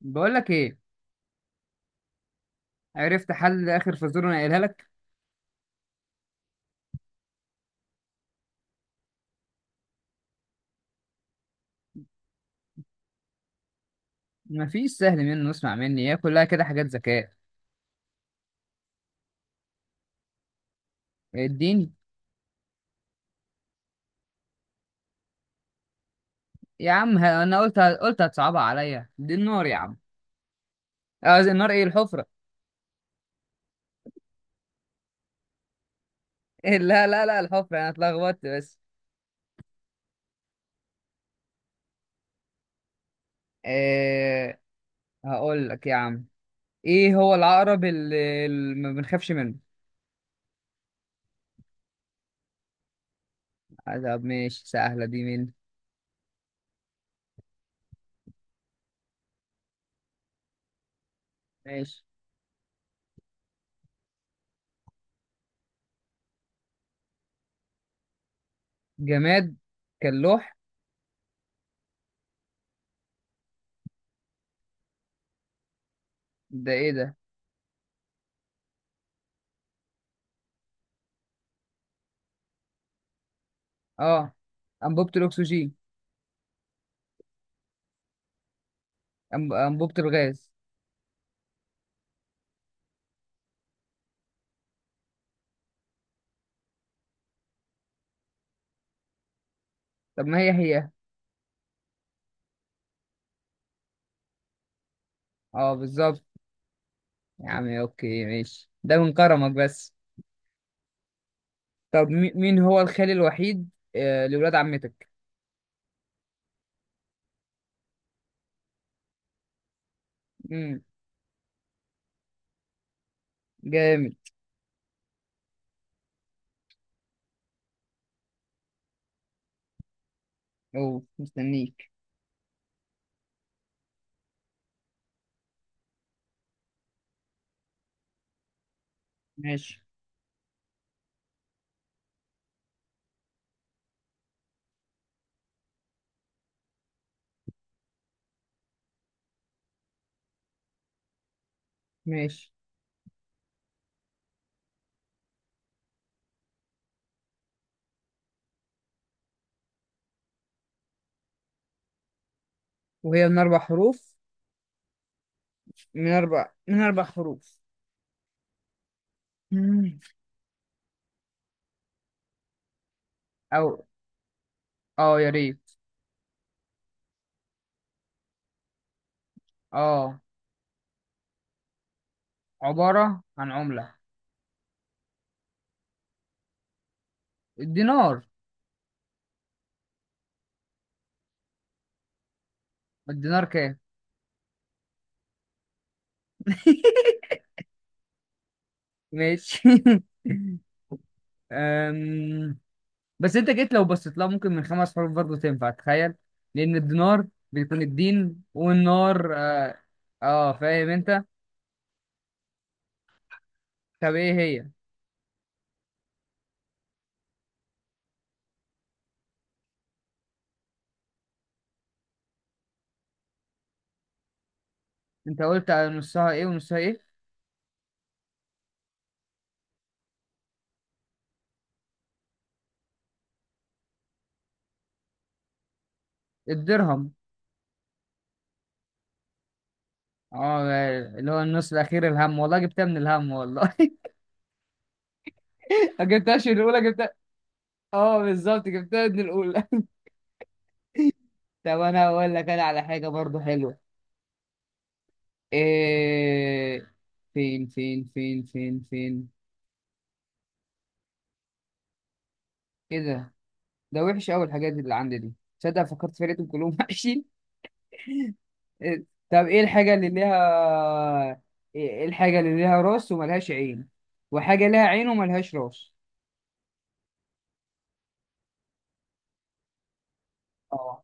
بقول لك ايه. عرفت حل اخر، فزوره انا قايلها لك. مفيش سهل منه، اسمع مني هي كلها كده حاجات ذكاء. الدين. يا عم انا قلت هتصعبها عليا، دي النار يا عم. آه، زي النار، ايه الحفره. إيه، لا لا لا الحفره، انا اتلخبطت بس. إيه. هقول لك يا عم، ايه هو العقرب اللي ما بنخافش منه. آه، طب ماشي سهله دي مني. ماشي. جماد كاللوح. ده ايه ده؟ اه، انبوبه الاكسجين. انبوبه الغاز. طب ما هي. اه بالظبط. يا عم اوكي ماشي، ده من كرمك بس. طب مين هو الخال الوحيد؟ آه، لولاد عمتك. امم. جامد. او مستنيك. ماشي ماشي. وهي من اربع حروف؟ من اربع حروف. مم. او، اه يا ريت. اه، عبارة عن عملة. الدينار. الدينار كام؟ ماشي. أم... بس انت جيت، لو بصيت لها ممكن من خمس حروف برضه تنفع، تخيل. لان الدينار بيكون الدين والنار، اه، آه فاهم انت. طب ايه هي؟ انت قلت على نصها ايه ونصها ايه؟ الدرهم. اه، اللي هو النص الاخير الهم، والله جبتها من الهم والله. ما جبتهاش من الاولى، جبتها. اه بالظبط، جبتها من الاولى. طب انا هقول لك انا على حاجه برضه حلوه. إيه... فين فين فين فين فين كده. ده وحش قوي الحاجات اللي عندي دي، تصدق فكرت في لقيتهم كلهم وحشين. إيه- طب ايه الحاجة اللي ليها، ايه الحاجة اللي ليها راس وملهاش عين، وحاجة ليها عين وملهاش راس؟ اه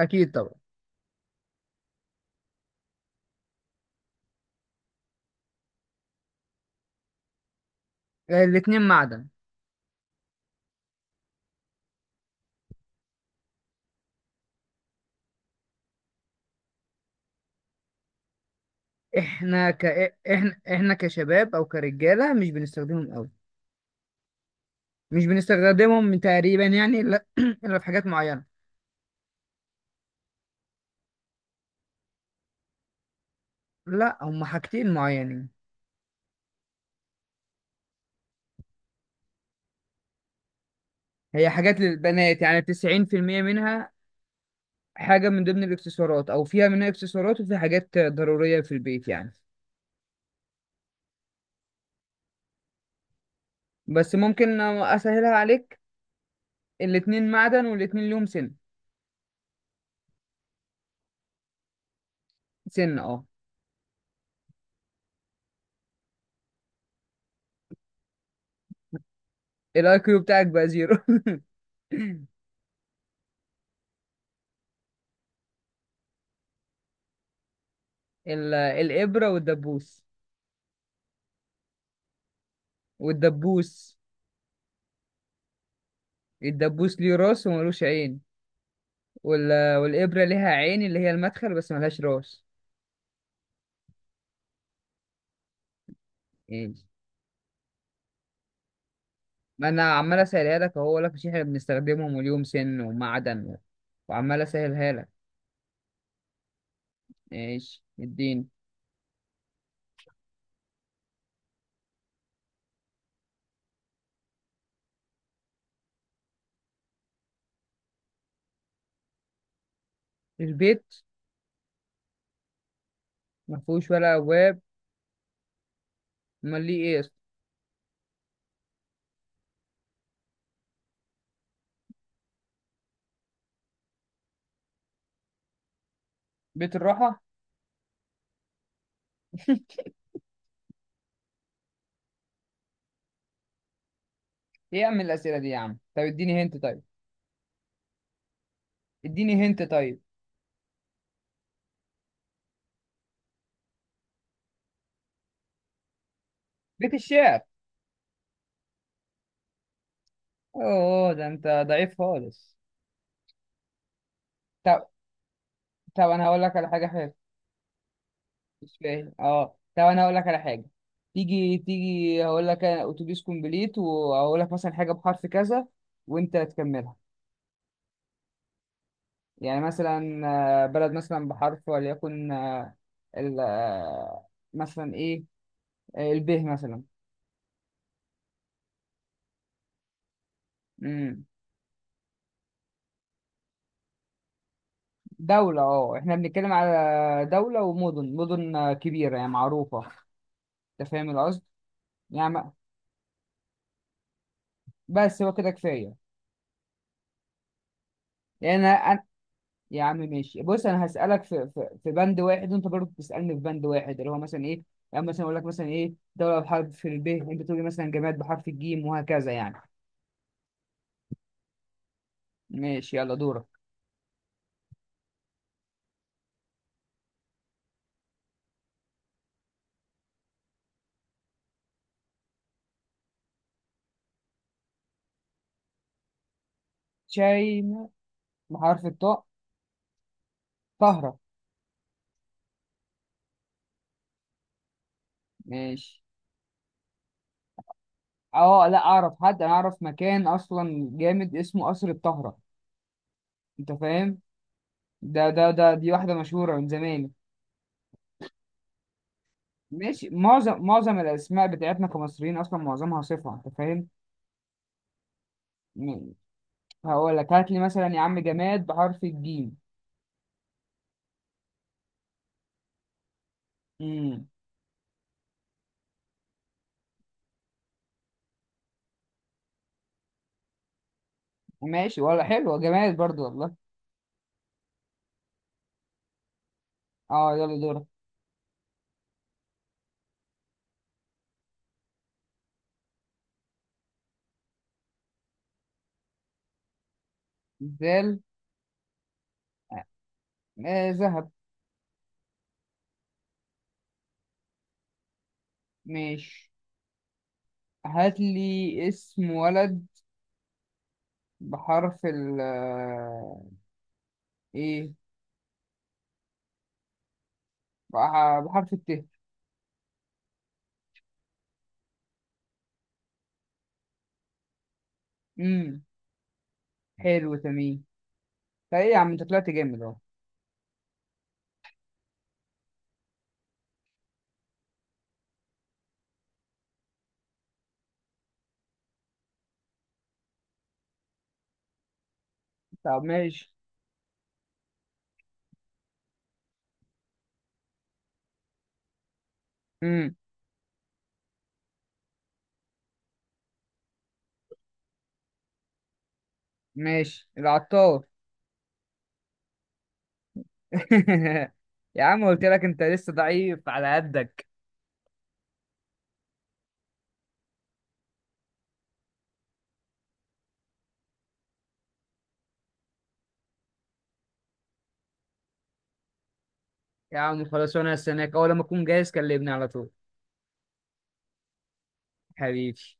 أكيد طبعا. آه، الاتنين معدن. احنا ك احنا احنا كشباب او كرجاله مش بنستخدمهم قوي. مش بنستخدمهم تقريبا يعني، الا إلا في حاجات معينه. لا، هم حاجتين معينين. هي حاجات للبنات، يعني 90% منها. حاجة من ضمن الاكسسوارات، أو فيها منها اكسسوارات، وفي حاجات ضرورية في البيت يعني. بس ممكن أسهلها عليك، الاتنين معدن والاتنين ليهم سن. سن، اه. الاي كيو بتاعك بقى زيرو. الإبرة والدبوس. والدبوس. الدبوس ليه راس وملوش عين، والإبرة ليها عين اللي هي المدخل بس ملهاش راس يعني. ما أنا عمال أسهلها لك أهو، لك مش إحنا بنستخدمهم وليهم سن ومعدن و... وعمال أسهلها لك. ماشي. الدين. البيت ما فيهوش ولا ابواب. امال ليه، ايه اصلا؟ بيت الراحه. ايه يا عم الاسئله دي يا عم، طب اديني هنت طيب. اديني هنت طيب. بيت الشعر. اوه ده انت ضعيف خالص. طب طب انا هقول لك على حاجه حلوه. مش فاهم. اه، طب انا هقول لك على حاجه. تيجي تيجي، هقول لك أنا اتوبيس كومبليت، وهقول لك مثلا حاجه بحرف كذا وانت تكملها. يعني مثلا بلد مثلا بحرف، وليكن ال مثلا ايه، الب مثلا. دولة، اه احنا بنتكلم على دولة ومدن، مدن كبيرة يعني، معروفة. انت فاهم القصد. يعني بس هو كده كفاية. يعني يا عم ماشي. بص انا هسألك في في بند واحد، وانت برضه بتسألني في بند واحد اللي هو مثلا ايه. يعني مثلا اقول لك مثلا ايه دولة بحرف ال ب، انت تقول لي مثلا جماد بحرف الجيم، وهكذا يعني. ماشي يلا دورك. شاينا. بحرف الطاء؟ طهرة. ماشي. اه لا، اعرف حد، انا اعرف مكان اصلا جامد اسمه قصر الطهرة، انت فاهم؟ ده دي واحدة مشهورة من زمان. ماشي. معظم الأسماء بتاعتنا كمصريين أصلا معظمها صفة، أنت فاهم؟ م- هقول لك هات لي مثلا يا عم جماد بحرف الجيم. امم. ماشي، ولا حلوة جماد برضو والله. اه يلا دورك. زال. آه ذهب. ماشي. هات لي اسم ولد بحرف ال ايه، بحرف الت. امم. حلو تمام. طيب ايه يا عم، انت طلعت جامد اهو. طب ماشي. امم. ماشي العطار. يا عم قلت لك انت لسه ضعيف على قدك. يا عم خلاص، وانا هستناك، اول لما اكون جاهز كلمني على طول. حبيبي.